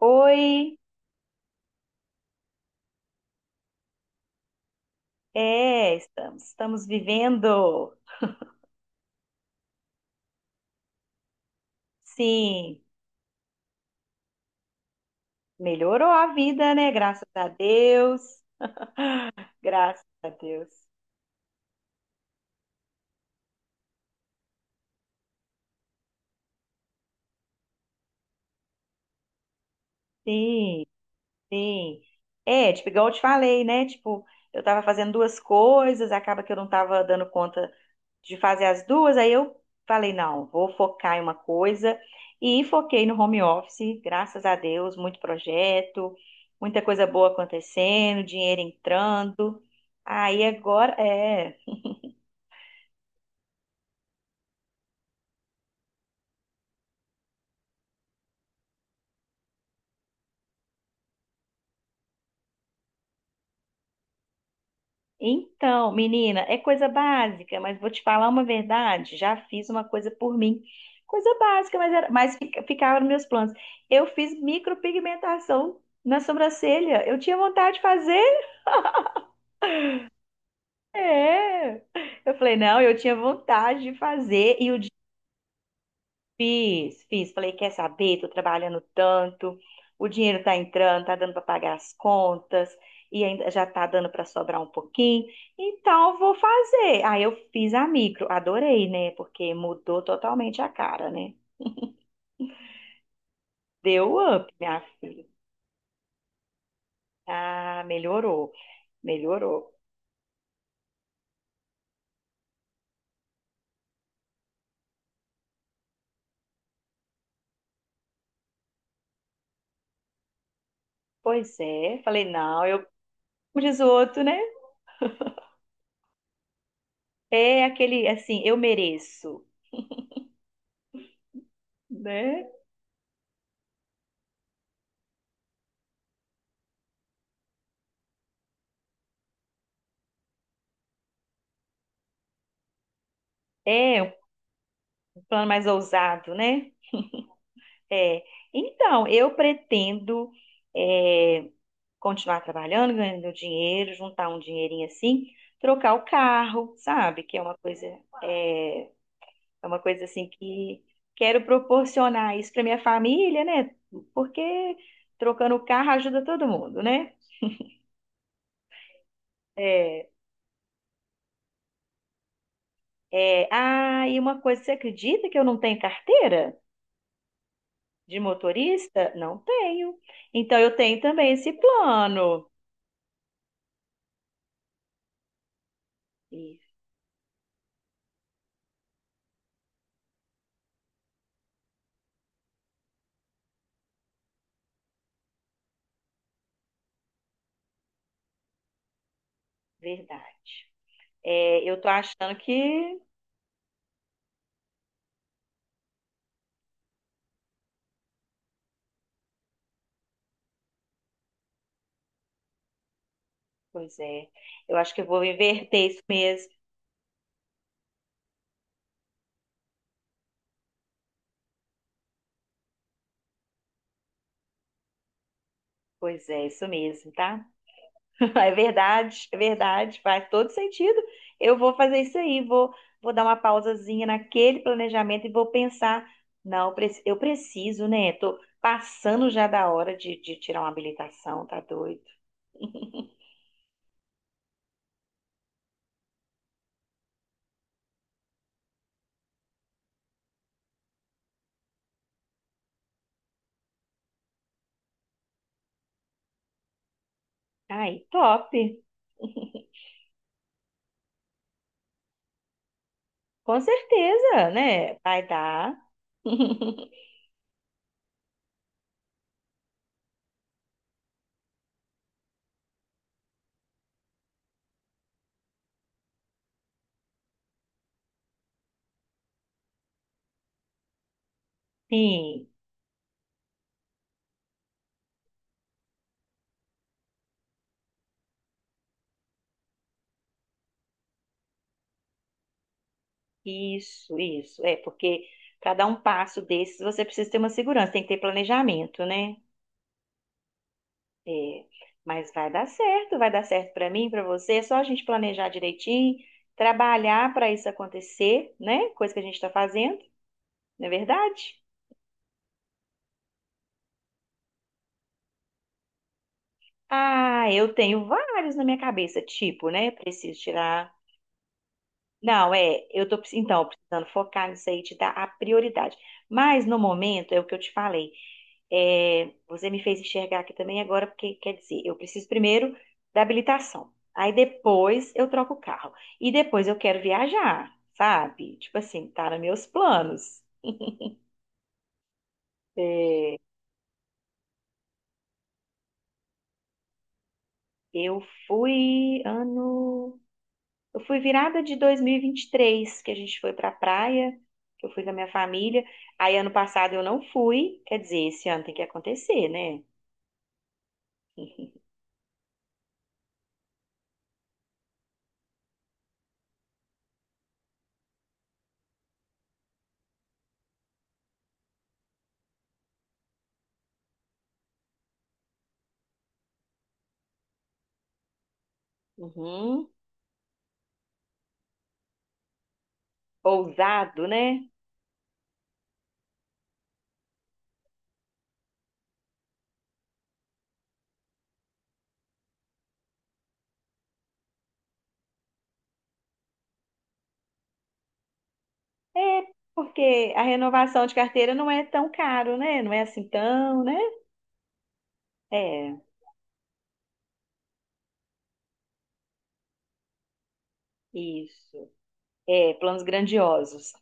Oi, estamos vivendo. Sim, melhorou a vida, né? Graças a Deus. Graças a Deus. Sim. Sim. É, tipo, igual eu te falei, né? Tipo, eu tava fazendo duas coisas, acaba que eu não tava dando conta de fazer as duas, aí eu falei, não, vou focar em uma coisa e foquei no home office, graças a Deus, muito projeto, muita coisa boa acontecendo, dinheiro entrando. Aí agora, é. Então, menina, é coisa básica, mas vou te falar uma verdade. Já fiz uma coisa por mim. Coisa básica, mas, era, mas ficava nos meus planos. Eu fiz micropigmentação na sobrancelha. Eu tinha vontade de fazer. É. Eu falei, não, eu tinha vontade de fazer. E o Fiz, fiz. Falei, quer saber? Tô trabalhando tanto, o dinheiro tá entrando, tá dando para pagar as contas e ainda já tá dando para sobrar um pouquinho. Então vou fazer. Aí eu fiz a micro, adorei, né? Porque mudou totalmente a cara, né? Deu up, minha filha. Ah, melhorou, melhorou. Pois é, falei, não, eu, como diz o outro, né? É aquele assim, eu mereço, né? É um plano mais ousado, né? É, então, eu pretendo é, continuar trabalhando, ganhando meu dinheiro, juntar um dinheirinho assim, trocar o carro, sabe? Que é uma coisa, é, é uma coisa assim que quero proporcionar isso para minha família, né? Porque trocando o carro ajuda todo mundo, né? É, é, ah, e uma coisa, você acredita que eu não tenho carteira de motorista? Não tenho. Então, eu tenho também esse plano. Isso, verdade. É, eu tô achando que. Pois é. Eu acho que eu vou inverter isso mesmo. Pois é, isso mesmo, tá? É verdade, faz todo sentido. Eu vou fazer isso aí, vou, vou dar uma pausazinha naquele planejamento e vou pensar. Não, eu preciso, né? Tô passando já da hora de tirar uma habilitação, tá doido? Aí, top! Com certeza, né? Vai dar. Sim. Isso, isso. É, porque para dar um passo desses, você precisa ter uma segurança, tem que ter planejamento, né? É, mas vai dar certo para mim, para você. É só a gente planejar direitinho, trabalhar para isso acontecer, né? Coisa que a gente está fazendo, não é verdade? Ah, eu tenho vários na minha cabeça, tipo, né? Preciso tirar. Não, é, então, precisando focar nisso aí, te dar a prioridade. Mas no momento, é o que eu te falei. É, você me fez enxergar aqui também agora, porque quer dizer, eu preciso primeiro da habilitação. Aí depois eu troco o carro. E depois eu quero viajar, sabe? Tipo assim, tá nos meus planos. É, eu fui ano. Eu fui virada de dois mil e vinte e três, que a gente foi pra praia, que eu fui com a minha família. Aí ano passado eu não fui, quer dizer, esse ano tem que acontecer, né? Uhum. Ousado, né? É, porque a renovação de carteira não é tão caro, né? Não é assim tão, né? É, isso. É, planos grandiosos.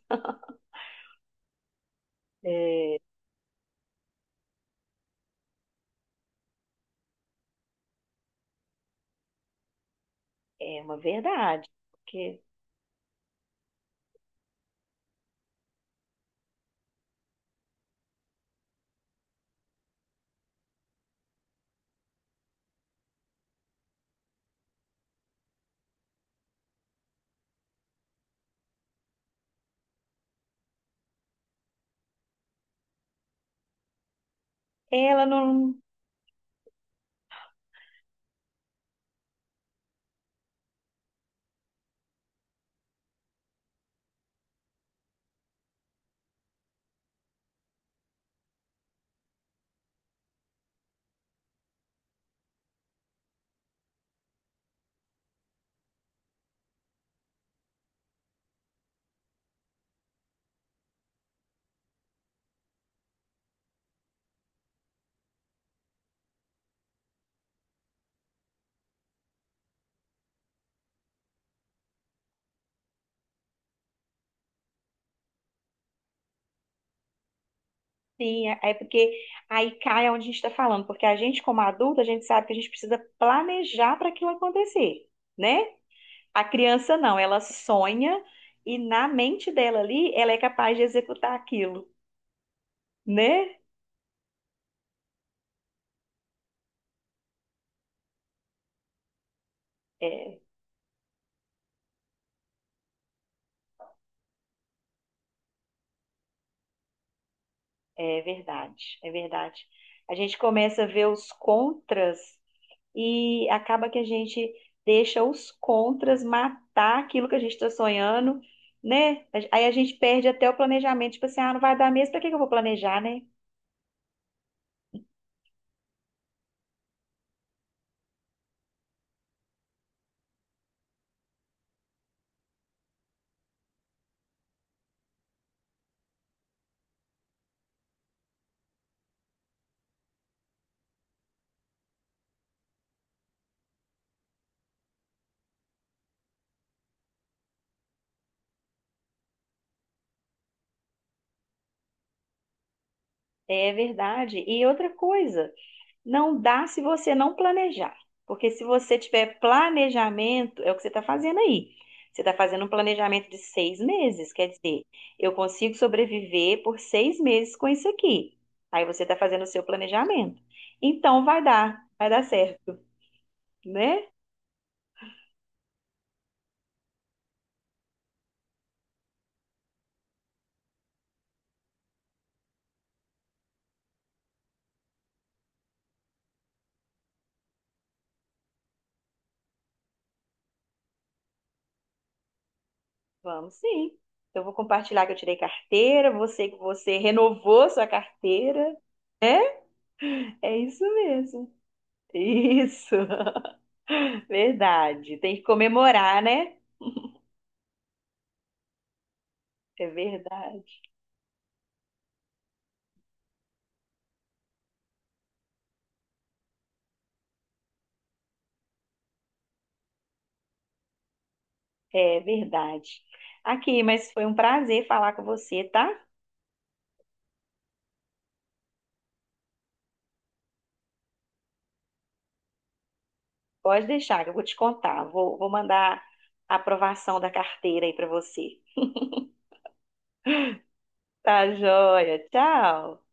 É uma verdade, porque ela não Sim, é porque aí cai onde a gente está falando, porque a gente, como adulto, a gente sabe que a gente precisa planejar para aquilo acontecer, né? A criança não, ela sonha e na mente dela ali, ela é capaz de executar aquilo, né? É, é verdade, é verdade. A gente começa a ver os contras e acaba que a gente deixa os contras matar aquilo que a gente está sonhando, né? Aí a gente perde até o planejamento, tipo assim, ah, não vai dar mesmo, para que que eu vou planejar, né? É verdade. E outra coisa, não dá se você não planejar. Porque se você tiver planejamento, é o que você está fazendo aí. Você está fazendo um planejamento de 6 meses, quer dizer, eu consigo sobreviver por 6 meses com isso aqui. Aí você está fazendo o seu planejamento. Então vai dar certo, né? Vamos sim. Eu vou compartilhar que eu tirei carteira, você que você renovou sua carteira. É isso mesmo. Isso. Verdade. Tem que comemorar, né? É verdade. É verdade. Aqui, mas foi um prazer falar com você, tá? Pode deixar, que eu vou te contar. Vou, vou mandar a aprovação da carteira aí pra você. Tá joia. Tchau.